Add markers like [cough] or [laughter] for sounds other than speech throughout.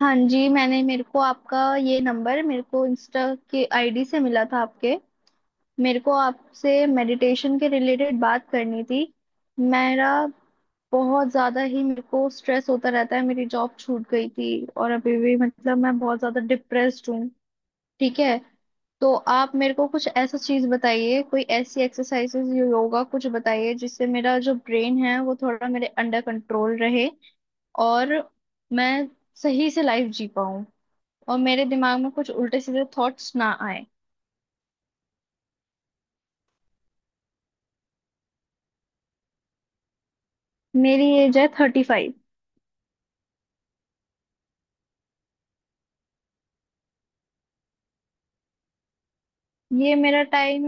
हाँ जी। मैंने मेरे को आपका ये नंबर मेरे को इंस्टा के आईडी से मिला था आपके। मेरे को आपसे मेडिटेशन के रिलेटेड बात करनी थी। मेरा बहुत ज़्यादा ही मेरे को स्ट्रेस होता रहता है। मेरी जॉब छूट गई थी और अभी भी मतलब मैं बहुत ज़्यादा डिप्रेस्ड हूँ। ठीक है। तो आप मेरे को कुछ ऐसा चीज़ बताइए, कोई ऐसी एक्सरसाइजेज, योगा कुछ बताइए जिससे मेरा जो ब्रेन है वो थोड़ा मेरे अंडर कंट्रोल रहे। और मैं सही से लाइफ जी पाऊँ, और मेरे दिमाग में कुछ उल्टे सीधे थॉट्स ना आए। मेरी एज है 35। ये मेरा टाइम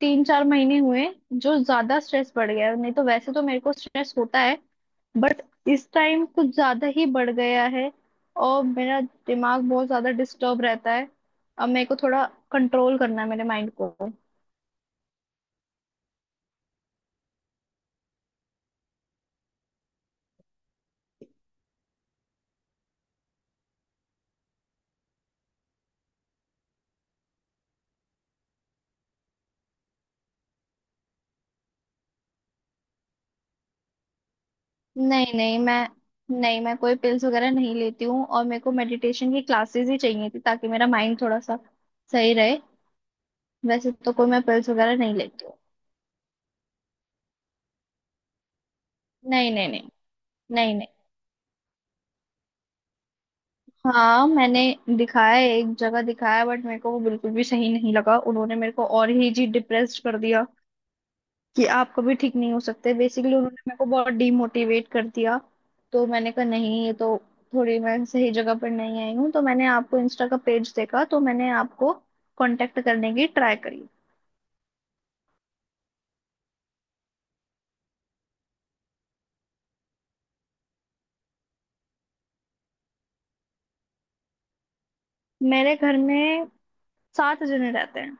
3-4 महीने हुए जो ज्यादा स्ट्रेस बढ़ गया है। नहीं तो वैसे तो मेरे को स्ट्रेस होता है, बट इस टाइम कुछ ज्यादा ही बढ़ गया है। और मेरा दिमाग बहुत ज्यादा डिस्टर्ब रहता है। अब मेरे को थोड़ा कंट्रोल करना है मेरे माइंड को। नहीं नहीं, मैं, नहीं मैं कोई पिल्स वगैरह नहीं लेती हूँ। और मेरे को मेडिटेशन की क्लासेस ही चाहिए थी ताकि मेरा माइंड थोड़ा सा सही रहे। वैसे तो कोई मैं पिल्स वगैरह नहीं लेती हूँ। नहीं नहीं नहीं, नहीं नहीं। हाँ मैंने दिखाया है, एक जगह दिखाया। बट मेरे को वो बिल्कुल भी सही नहीं लगा। उन्होंने मेरे को और ही जी डिप्रेस्ड कर दिया कि आप कभी ठीक नहीं हो सकते। बेसिकली उन्होंने मेरे को बहुत डीमोटिवेट कर दिया। तो मैंने कहा नहीं, ये तो थोड़ी मैं सही जगह पर नहीं आई हूँ। तो मैंने आपको इंस्टा का पेज देखा, तो मैंने आपको कांटेक्ट करने की ट्राई करी। मेरे घर में 7 जने रहते हैं।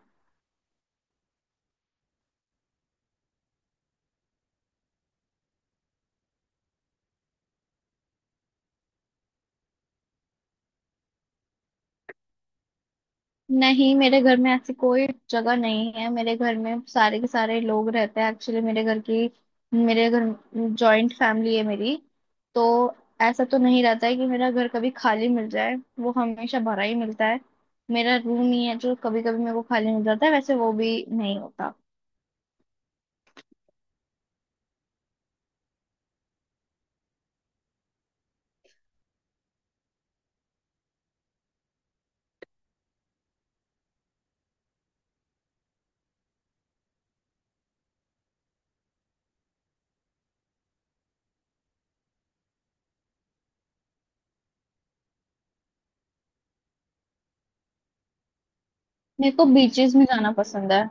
नहीं मेरे घर में ऐसी कोई जगह नहीं है। मेरे घर में सारे के सारे लोग रहते हैं। एक्चुअली मेरे घर जॉइंट फैमिली है मेरी। तो ऐसा तो नहीं रहता है कि मेरा घर कभी खाली मिल जाए, वो हमेशा भरा ही मिलता है। मेरा रूम ही है जो कभी कभी मेरे को खाली मिल जाता है, वैसे वो भी नहीं होता। मेरे को बीचेस में जाना पसंद है।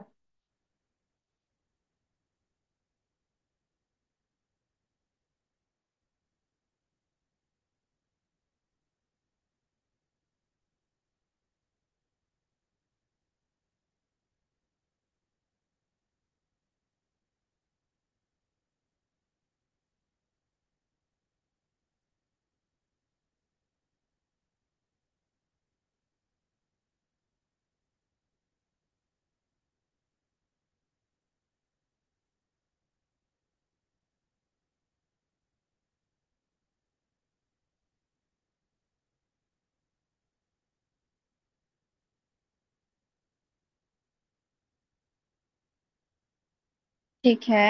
ठीक है।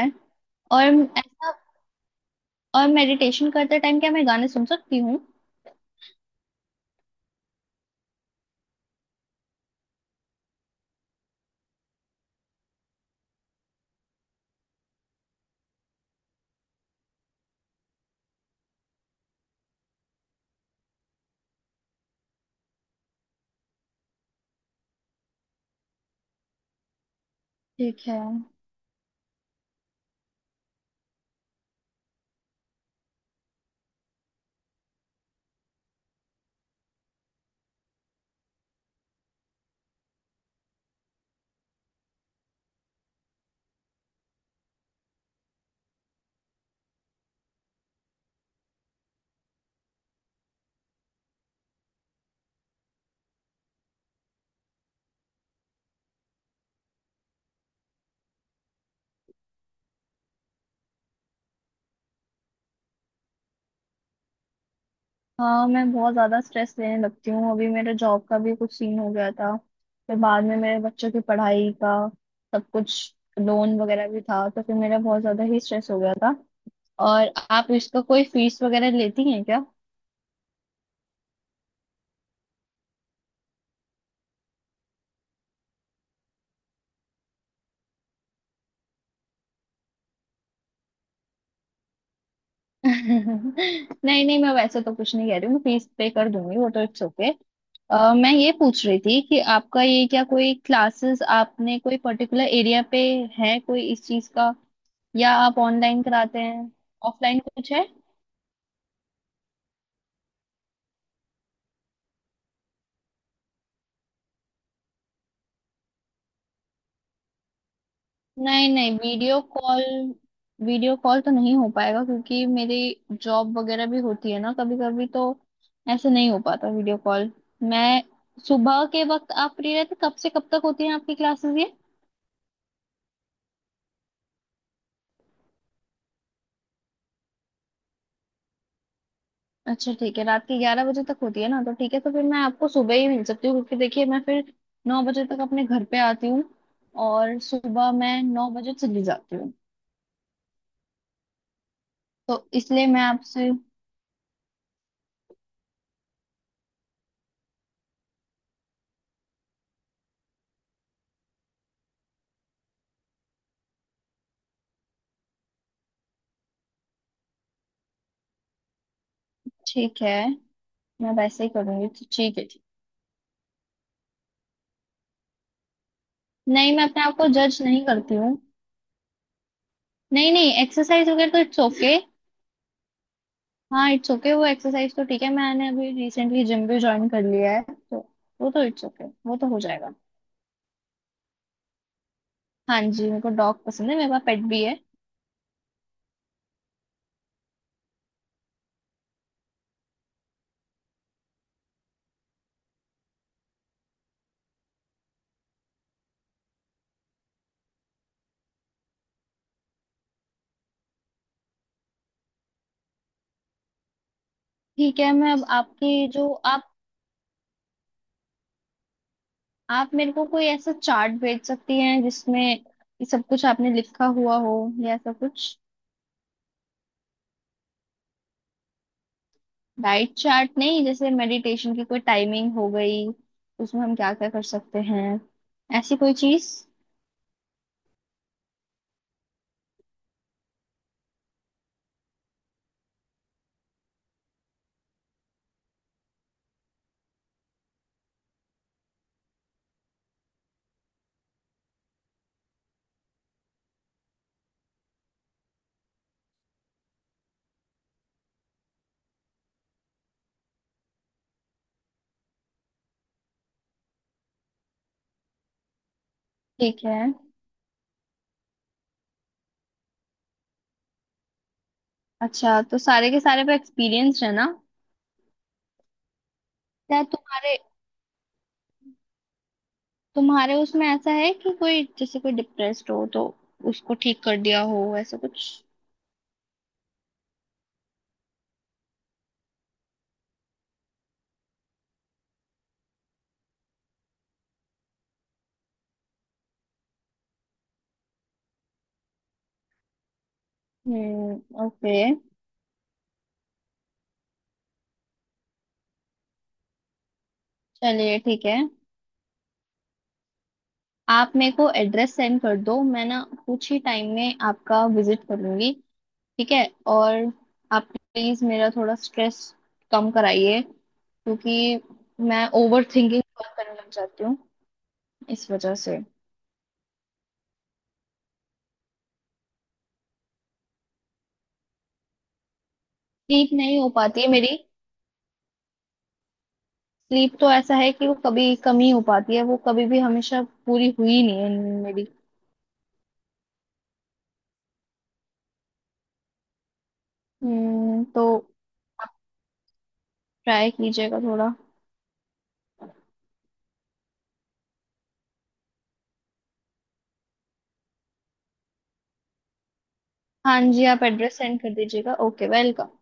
और ऐसा, और मेडिटेशन करते टाइम क्या मैं गाने सुन सकती हूँ? ठीक है। हाँ मैं बहुत ज्यादा स्ट्रेस लेने लगती हूँ। अभी मेरे जॉब का भी कुछ सीन हो गया था, फिर बाद में मेरे बच्चों की पढ़ाई का, सब कुछ लोन वगैरह भी था, तो फिर मेरा बहुत ज्यादा ही स्ट्रेस हो गया था। और आप इसका कोई फीस वगैरह लेती हैं क्या? [laughs] नहीं नहीं, मैं वैसे तो कुछ नहीं कह रही हूँ, मैं फीस पे कर दूंगी, वो तो इट्स ओके। मैं ये पूछ रही थी कि आपका ये क्या कोई क्लासेस आपने कोई पर्टिकुलर एरिया पे है कोई इस चीज का, या आप ऑनलाइन कराते हैं, ऑफलाइन कुछ है? नहीं नहीं, वीडियो कॉल तो नहीं हो पाएगा क्योंकि मेरी जॉब वगैरह भी होती है ना कभी कभी, तो ऐसे नहीं हो पाता वीडियो कॉल। मैं सुबह के वक्त आप फ्री रहते कब से कब तक होती है आपकी क्लासेस ये? अच्छा ठीक है, रात के 11 बजे तक होती है ना, तो ठीक है, तो फिर मैं आपको सुबह ही मिल सकती हूँ, क्योंकि देखिए मैं फिर 9 बजे तक अपने घर पे आती हूँ, और सुबह मैं 9 बजे चली जाती हूँ। तो इसलिए मैं आपसे। ठीक है, मैं वैसे ही करूँगी, तो ठीक है ठीक। नहीं मैं अपने आप को जज नहीं करती हूँ। नहीं नहीं, एक्सरसाइज वगैरह तो इट्स ओके। हाँ इट्स ओके, वो एक्सरसाइज तो ठीक है, मैंने अभी रिसेंटली जिम भी ज्वाइन कर लिया है तो। वो तो इट्स ओके, वो तो हो जाएगा। हाँ जी, मेरे को डॉग पसंद है, मेरे पास पेट भी है। ठीक है, मैं अब आपकी जो आप मेरे को कोई ऐसा चार्ट भेज सकती हैं जिसमें ये सब कुछ आपने लिखा हुआ हो, या ऐसा कुछ। डाइट चार्ट नहीं, जैसे मेडिटेशन की कोई टाइमिंग हो गई, उसमें हम क्या क्या कर सकते हैं, ऐसी कोई चीज। ठीक है। अच्छा, तो सारे के सारे पे एक्सपीरियंस है ना? क्या तुम्हारे तुम्हारे उसमें ऐसा है कि कोई जैसे कोई डिप्रेस्ड हो तो उसको ठीक कर दिया हो, ऐसा कुछ? हम्म, ओके। चलिए ठीक है, आप मेरे को एड्रेस सेंड कर दो, मैं ना कुछ ही टाइम में आपका विजिट करूंगी। ठीक है। और आप प्लीज मेरा थोड़ा स्ट्रेस कम कराइए, क्योंकि मैं ओवर थिंकिंग करने लग जाती हूँ इस वजह से। ठीक नहीं हो पाती है मेरी स्लीप। तो ऐसा है कि वो कभी कम ही हो पाती है, वो कभी भी हमेशा पूरी हुई नहीं है नींद मेरी। हम्म, तो आप ट्राई कीजिएगा थोड़ा। हाँ जी, आप एड्रेस सेंड कर दीजिएगा। Okay, welcome.